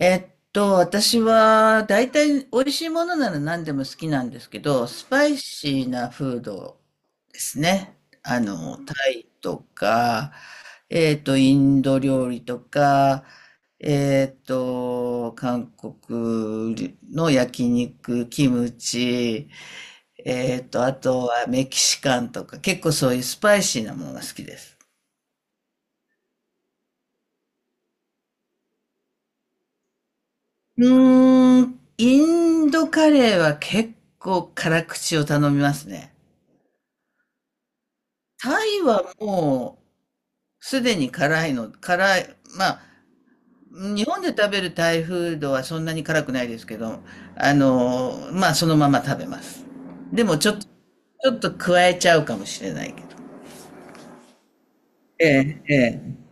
私は大体美味しいものなら何でも好きなんですけど、スパイシーなフードですね。タイとか、インド料理とか、韓国の焼肉、キムチ、あとはメキシカンとか、結構そういうスパイシーなものが好きです。うーん、インドカレーは結構辛口を頼みますね。タイはもうすでに辛いの、辛い、まあ、日本で食べるタイフードはそんなに辛くないですけど、まあそのまま食べます。でもちょっと加えちゃうかもしれないけど。ええ、ええ。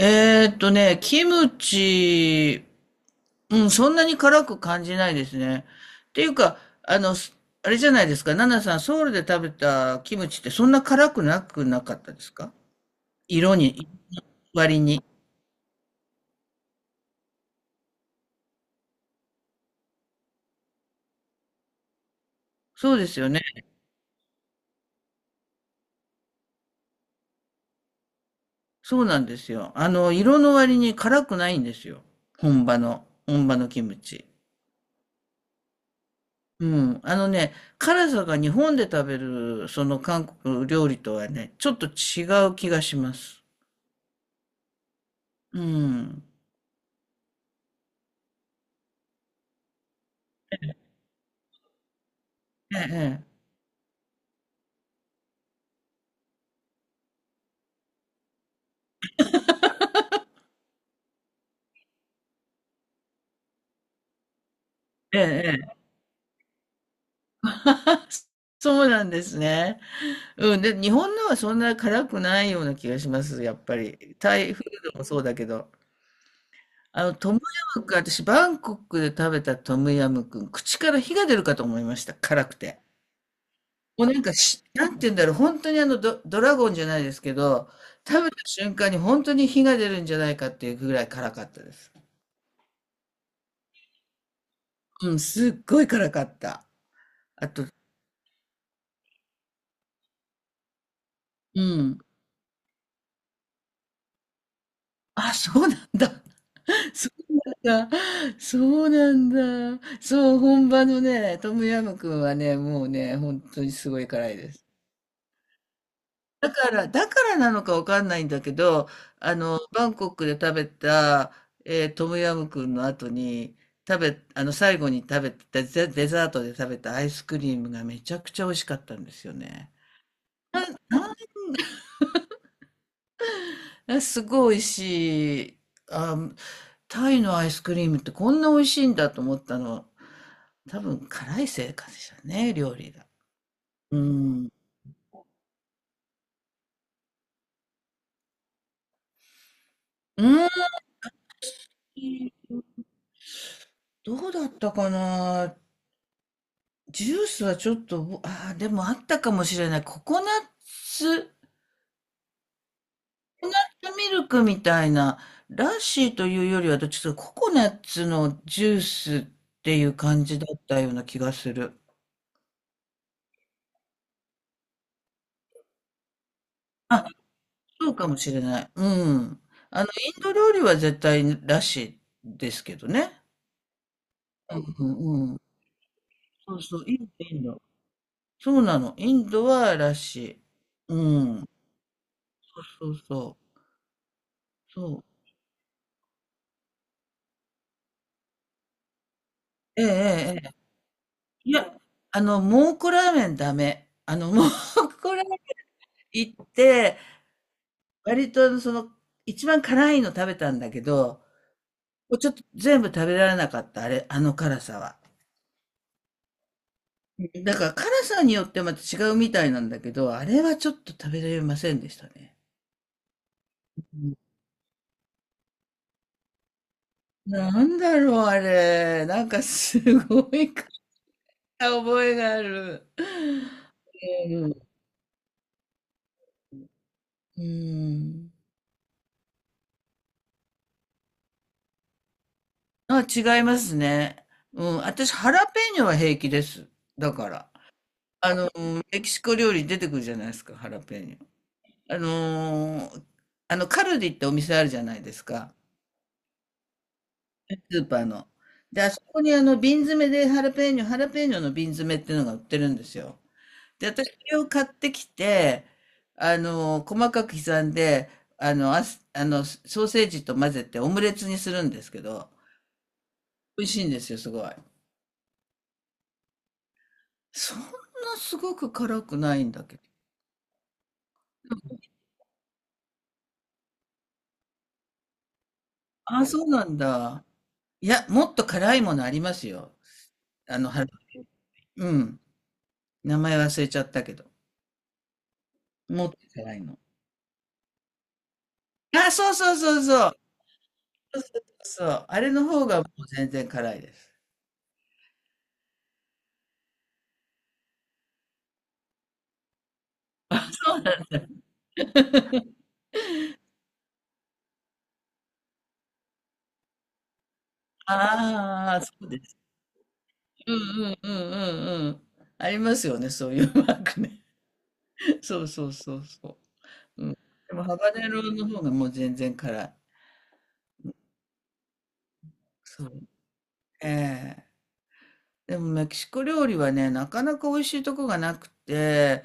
キムチ、うん、そんなに辛く感じないですね。っていうか、あの、すあれじゃないですか、ナナさん、ソウルで食べたキムチってそんな辛くなくなかったですか？色に、割に。そうですよね。そうなんですよ。色の割に辛くないんですよ。本場のキムチ。うん。辛さが日本で食べる、その韓国料理とはね、ちょっと違う気がします。うん。ええ、ええ、ええ。そうなんですね。うん、で、日本のはそんな辛くないような気がします、やっぱり。タイフードもそうだけど。トムヤムクン、私、バンコクで食べたトムヤムクン、口から火が出るかと思いました、辛くて。もうなんかし、なんて言うんだろう、本当にドラゴンじゃないですけど、食べた瞬間に本当に火が出るんじゃないかっていうぐらい辛かったです。うん、すっごい辛かった。あと、うん、あ、そうなんだ。そうなんだ。そうなんだ。そう、本場のね、トムヤムクンはね、もうね、本当にすごい辛いです。だからなのかわかんないんだけど、バンコクで食べた、トムヤムクンの後に、食べ、あの、最後に食べた、デザートで食べたアイスクリームがめちゃくちゃ美味しかったんですよね。あ、すごい美味しい。あ、タイのアイスクリームってこんな美味しいんだと思ったのは、多分辛いせいかでしょうね、料理が。うん。うん、どうだったかな。ジュースはちょっと、ああ、でもあったかもしれない。ツココナッツミルクみたいな、ラッシーというよりはどっちかというとココナッツのジュースっていう感じだったような気がする。あ、そうかもしれない。うん。あの、インド料理は絶対ラッシーですけどね。うんうんうん。そうそう、インド、インド。そうなの。インドはらしい。うん。そうそうそう。そう。ええ、ええ、ええ。いや、蒙古ラーメンダメ。蒙古ラーメン行って、割とその、一番辛いの食べたんだけど、もうちょっと全部食べられなかった、あれ、あの辛さは。だから辛さによってまた違うみたいなんだけど、あれはちょっと食べられませんでしたね。なんだろう、あれ。なんかすごい覚えがある。うん。うん。あ、違いますね。うん。私、ハラペーニョは平気です。だから。あの、メキシコ料理出てくるじゃないですか、ハラペーニョ。あのーカルディってお店あるじゃないですか。スーパーの。で、あそこに瓶詰めでハラペーニョ、ハラペーニョの瓶詰めっていうのが売ってるんですよ。で、私それを買ってきて、細かく刻んで、あの、あす、あの、ソーセージと混ぜてオムレツにするんですけど、美味しいんですよ、すごい。そんなすごく辛くないんだけど。あ、そうなんだ。いや、もっと辛いものありますよ。ハロウィン。うん。名前忘れちゃったけど。もっと辛いの。あ、そうそうそうそう。そうそうそう、あれの方がもう全然辛いです。ああ、そうですね。うんうんうんうんうん。ありますよね、そういうマークね。そうそうそうそう。でも、ハバネロの方がもう全然辛い。そう。ええ。でも、メキシコ料理はね、なかなか美味しいとこがなくて、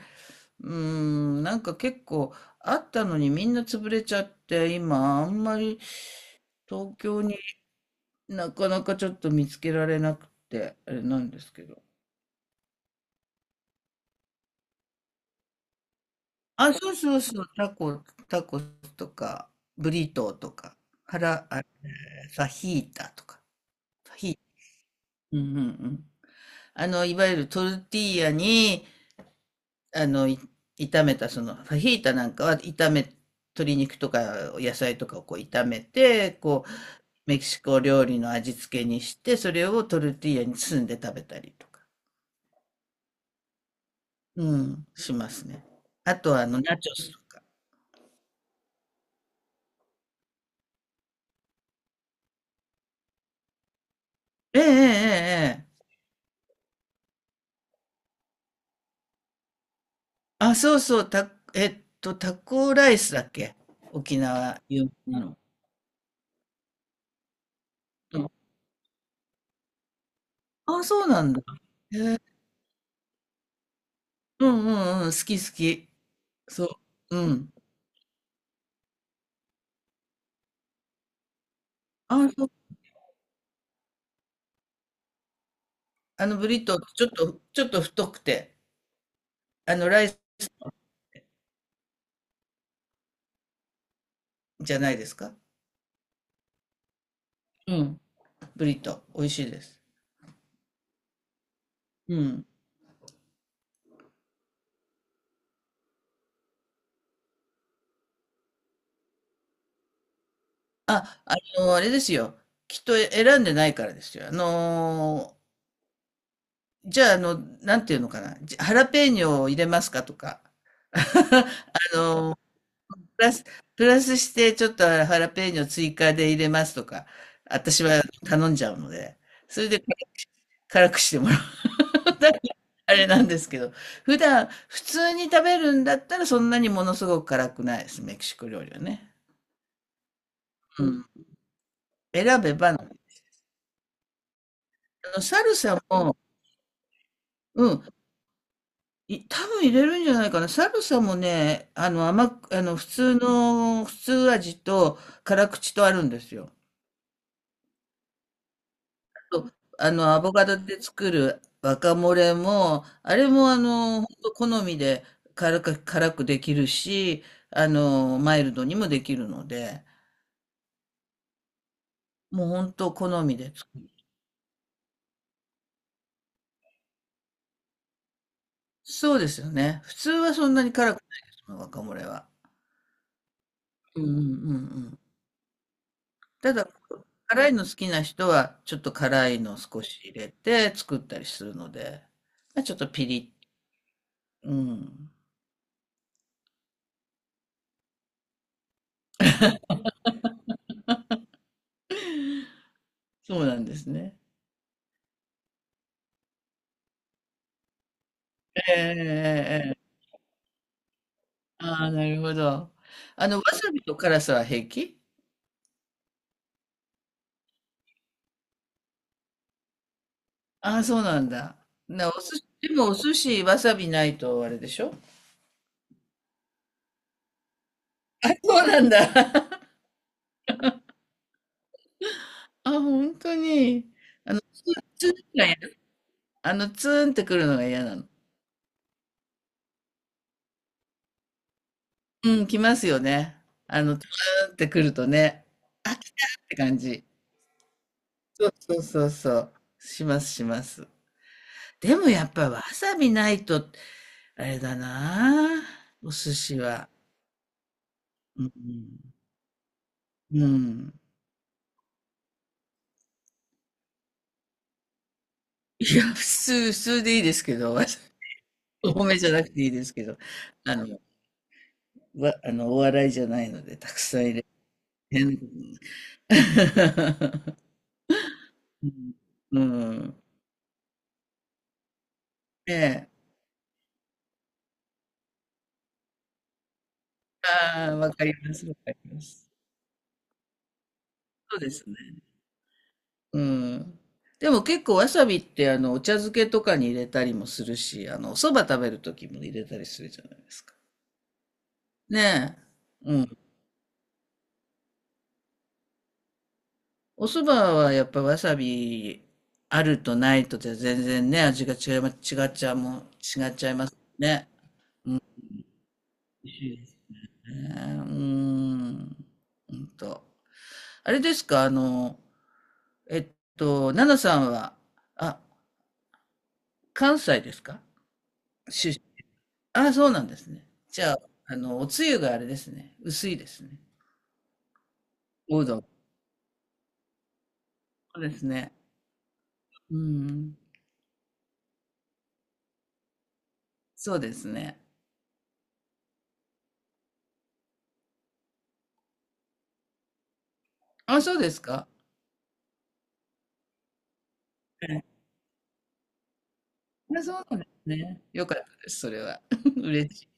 うーん、なんか結構あったのにみんな潰れちゃって、今、あんまり東京になかなかちょっと見つけられなくて、あれなんですけど。あ、そうそうそう、タコスとか、ブリトーとか、腹、ファヒータとか。ファヒータ、うんうんうん。いわゆるトルティーヤに、あの、い炒めた、ファヒータなんかは鶏肉とか野菜とかをこう炒めて、こう、メキシコ料理の味付けにして、それをトルティーヤに包んで食べたりとか、うん、しますね。あとは、ナチョスとか。ええええええ。あ、そうそう、た、えっと、タコライスだっけ？沖縄有名なの。うん、あ、そうなんだ。うんうんうん、好き好き。そう。うん。あ、そう。ブリトー、ちょっと太くて、ライスじゃないですか。うん。ブリトー、美味しいです。うん。あ、あれですよ。きっと選んでないからですよ。じゃあ、なんていうのかな。ハラペーニョを入れますかとか。あのープラス、プラスして、ちょっとハラペーニョ追加で入れますとか。私は頼んじゃうので。それで辛くしても だからあれなんですけど、普段普通に食べるんだったらそんなにものすごく辛くないです、メキシコ料理はね。うん。選べば、サルサも、うん、多分入れるんじゃないかな。サルサもね、あの、甘く、あの、普通味と辛口とあるんですよ。と、アボカドで作るワカモレも、あれもほんと好みで辛くできるし、マイルドにもできるので、もう本当好みで作る。そうですよね。普通はそんなに辛くないですもん、g は。うんうんうんうん。ただ、辛いの好きな人は、ちょっと辛いのを少し入れて作ったりするので、まあ、ちょっとピリッ、うん。そうなんですね。ええええええ。ああ、なるほど。わさびと辛さは平気？ああ、そうなんだ。お寿司、でもお寿司、わさびないとあれでしょ？あ、そうなんだ。あ、本当に。あの、普通のがツーンってくるのが嫌なの。うん、来ますよね。ツーンってくるとね、あ、来たって感じ。そうそうそうそう。しますします。でもやっぱわさびないと、あれだなあお寿司は。うん。うん。いや、普通でいいですけど、多めじゃなくていいですけど、あの、わ、あの、お笑いじゃないので、たくさん入れて。変なことに うん。うん。ええ。ああ、わかります、わかります。そうですね。うん。でも結構わさびってお茶漬けとかに入れたりもするし、お蕎麦食べる時も入れたりするじゃないですか。ねえ。うん。お蕎麦はやっぱわさびあるとないとじゃ全然ね、味が違いま、違っちゃうもん、違っちゃいますね。美味しいですね。うん。うんと。あれですか、えっ奈々さんは、あ、関西ですか？あ、そうなんですね。じゃあ、おつゆがあれですね。薄いですね。おうどん。そうですね。うん。そうですね。あ、そうですか。はい。あ、そうなんですね。良かったです、それは。嬉しい。